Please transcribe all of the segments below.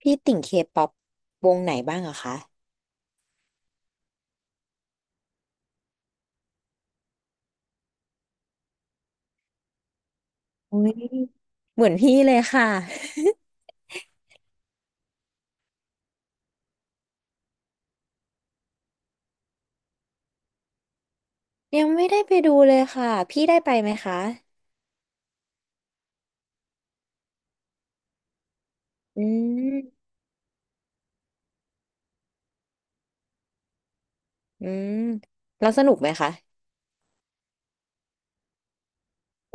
พี่ติ่งเคป๊อปวงไหนบ้างอะคะโอยเหมือนพี่เลยค่ะ ยังไม่ได้ไปดูเลยค่ะพี่ได้ไปไหมคะอืมอืมแล้วสนุกไหมคะ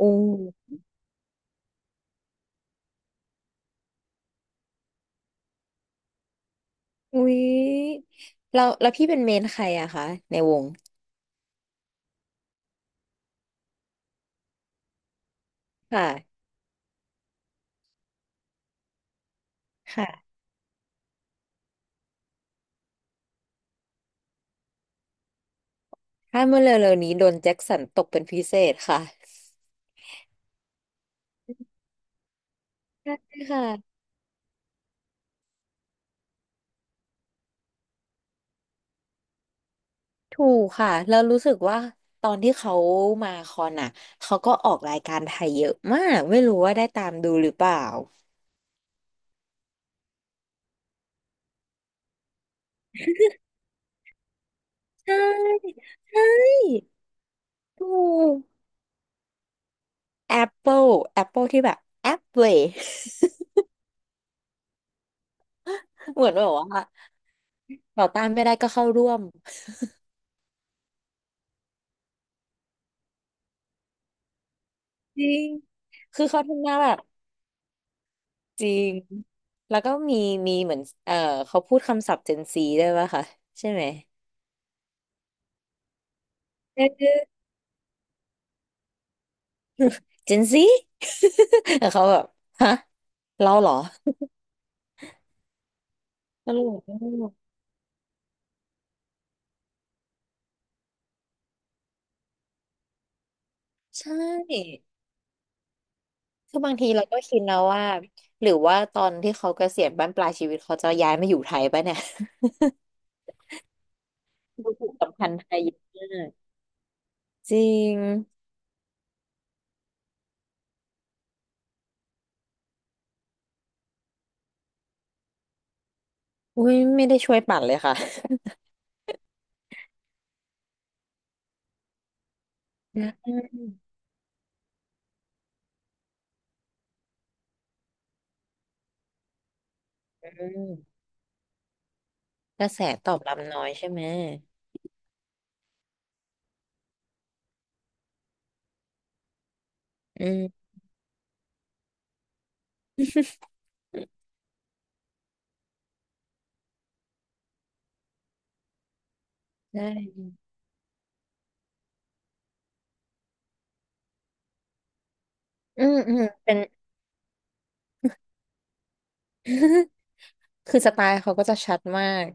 อู้อุ้ยเราแล้วพี่เป็นเมนใครอะคะในวงค่ะค่ะถ้าเมื่อเร็วๆนี้โดนแจ็คสันตกเป็นพิเศษค่ะใช่ค่ะถูกค่ะแล้วรู้สึกว่าตอนที่เขามาคอนอ่ะเขาก็ออกรายการไทยเยอะมากไม่รู้ว่าได้ตามดูหรือเปล่า ใช่ ใช่ถูก Apple Apple ที่แบบ Apple เหมือนแบบว่าต่อต้านไม่ได้ก็เข้าร่วมจริง คือเขาทำหน้าแบบจริง แล้วก็มีเหมือนเขาพูดคำศัพท์ Gen Z ด้วยป่ะคะใช่ไหมเออ Gen Z แต่เขาแบบฮะเราเหรอตลกมากใช่ คือบางทีเราก็คิดแล้วว่าหรือว่าตอนที่เขาเกษียณบั้นปลายชีวิตเขาจะย้ายมาอยู่ไทยปะเนี่ย ดูผูกสัมพันธ์ไทยเยอะมากจริงอุ้ยไม่ได้ช่วยปั่นเลยค่ะ อืมอืมกระแสตอบรับน้อยใช่ไหมอืม ใช่อืมอืมเป็น คือสไตล์เขาก็จะชัดมาก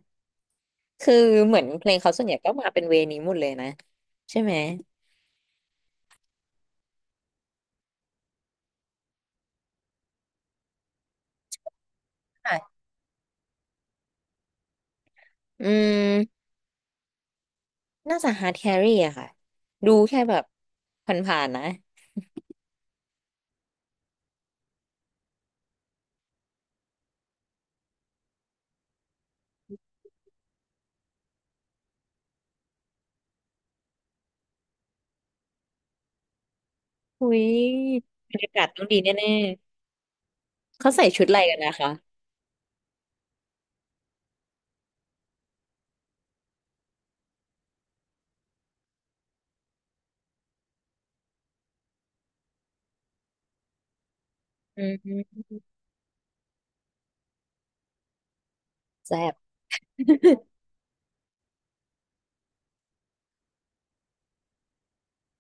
คือเหมือนเพลงเขาส่วนใหญ่ก็มาเป็นเวนี้หมดเลยนะใช่ไหมค่ะอืม น่าจะฮาร์ดแครีอะค่ะดูแค่แบบผ่านๆนะอุ้ยบรรยากาศต้องดีแน่ๆเขาใส่ชุดอะไรกันนะคะอืมแซ่บ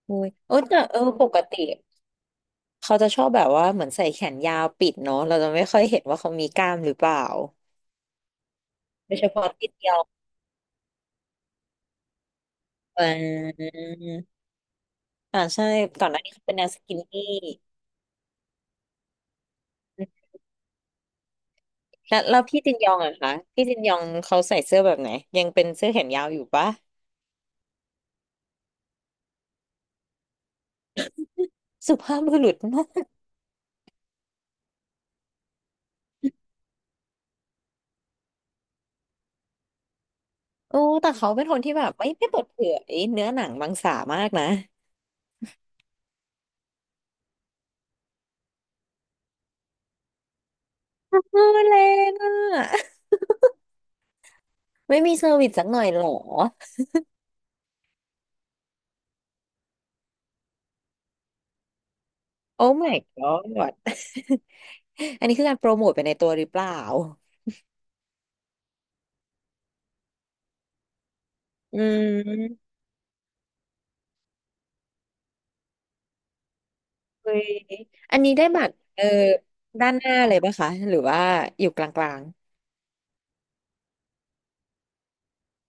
อุ้ยโอ้แต่เออปกติเขาจะชอบแบบว่าเหมือนใส่แขนยาวปิดเนาะเราจะไม่ค่อยเห็นว่าเขามีกล้ามหรือเปล่าโดยเฉพาะที่เดียวอ่าอ่าใช่ก่อนหน้านี้เขาเป็นแนวสกินนี่แล้วพี่จินยองอะคะพี่จินยองเขาใส่เสื้อแบบไหนยังเป็นเสื้อแขนยาวอยู่ปะสุภาพบุรุษม โอ้แต่เขาเป็นคนที่แบบไม่เปิดเผยเนื้อหนังมังสามากนะเออแรงอ่ะ ไม่มีเซอร์วิสสักหน่อยเหรอโอ้ my god อันนี้คือการโปรโมทไปในตัวหรือเปล่าอืมเฮ้ยอันนี้ได้บัตรเออด้านหน้าเลยปะคะหรือว่าอยู่กลาง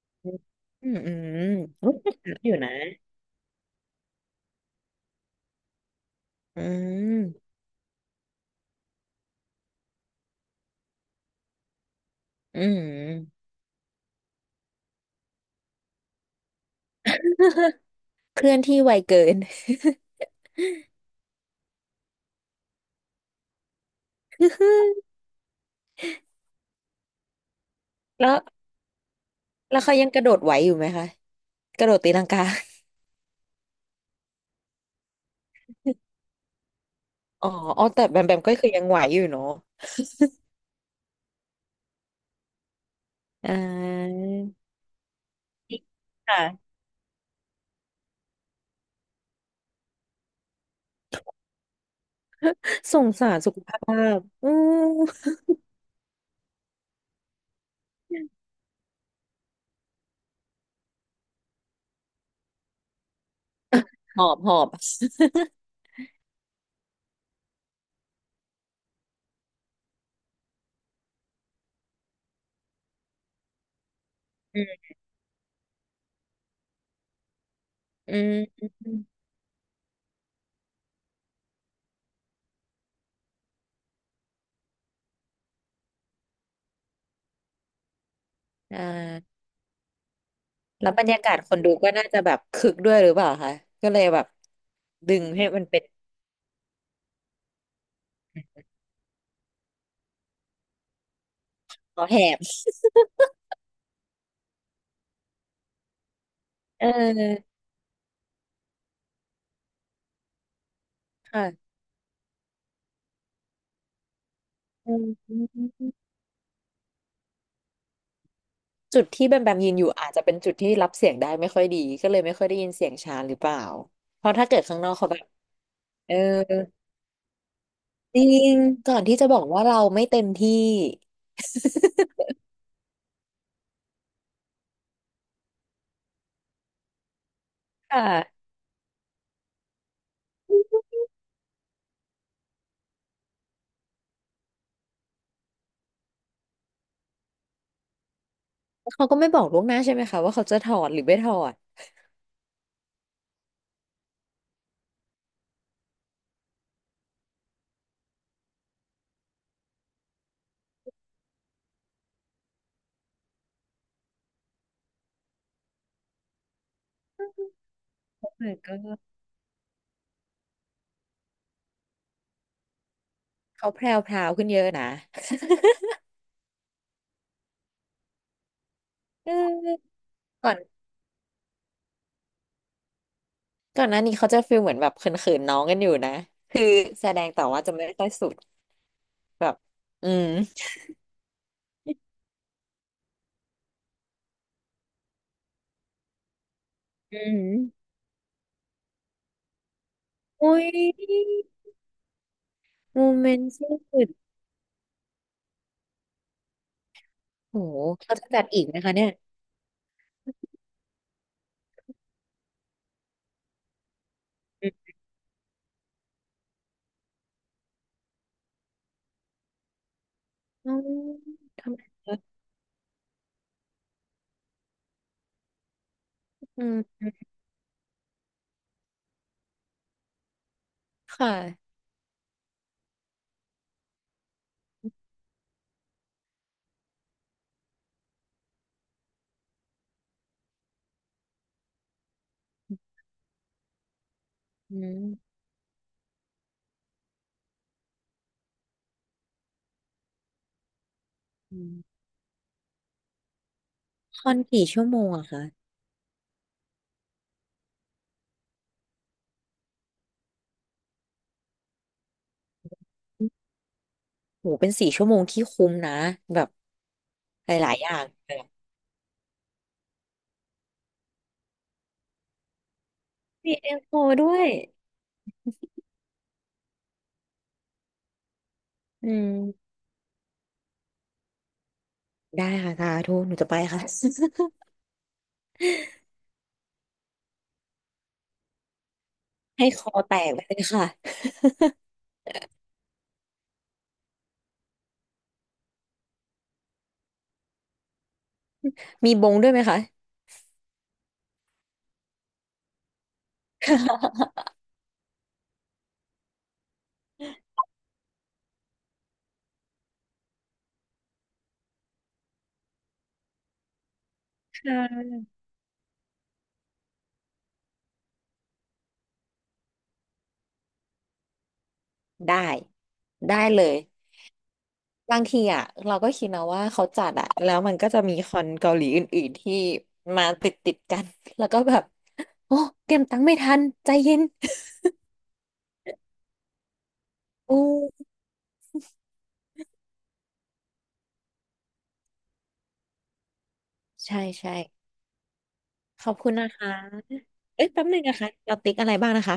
ๆอืมอืมอืมอยู่นะอืมอืม เคลื่อนที่ไวเกินแล้วแล้วเขายังกระโดดไหวอยู่ไหมคะกระโดดตีลังกา อ๋ออ๋อ แต่แบมแบมก็คือยังไหวอยู่เนาะอ่าค่ะสงสารสุขภาพอืมหอบหอบ อืมอืมอมอ่าแล้วบรรยากาศคนดูก็น่าจะแบบคึกด้วยหรือเปล่าคะ ก็เลยแบบดึงให้มันเป็นคอแหบ เออค่ะอืมจุดที่แบมแบมยืนอยู่อาจจะเป็นจุดที่รับเสียงได้ไม่ค่อยดี ก็เลยไม่ค่อยได้ยินเสียงช้านหรือเปล่า เพราะถ้าเกิดข้างนอกเขาแบบเออ จริงก่อนที่จะบอกว่าเราไม่เต็มที่ค่ะเขาก็ไม่บอกล่วงหน้าใช่ไหมคะว่าเขาจะถอดหรือไม่ถอดเออก็เขาแพรวพราวขึ้นเยอะนะเออก่อนก่อนหน้านี้เขาจะฟีลเหมือนแบบเขินๆน้องกันอยู่นะคือแสดงแต่ว่าจะไม่ค่อยสุดแบบอืมอืมโอ้ยโมเมนต์สสุดโหเขาจะจัดอีกไหมคะเนี่ยอืมออทำอืมค่ะอืมอืมคอนกี่ชั่วโมงอะคะ โหเป็น4 ชั่วโมงที่คุ้มนะแบบหลายๆอย่างมีเอ็มโฟด้วยอืมได้ค่ะสาธุหนูจะไปค่ะ ให้คอแตกไปเลยค่ะมีบงด้วยไหมคะค่ะได้ได้เลยบางทีอ่ะเราก็คิดนะว่าเขาจัดอ่ะแล้วมันก็จะมีคอนเกาหลีอื่นๆที่มาติดติดกันแล้วก็แบบโอ้เตรียมตังค์ไม่ทันใจเย็นอู้ใช่ใช่ขอบคุณนะคะเอ้ยแป๊บนึงนะคะเราติ๊กอะไรบ้างนะคะ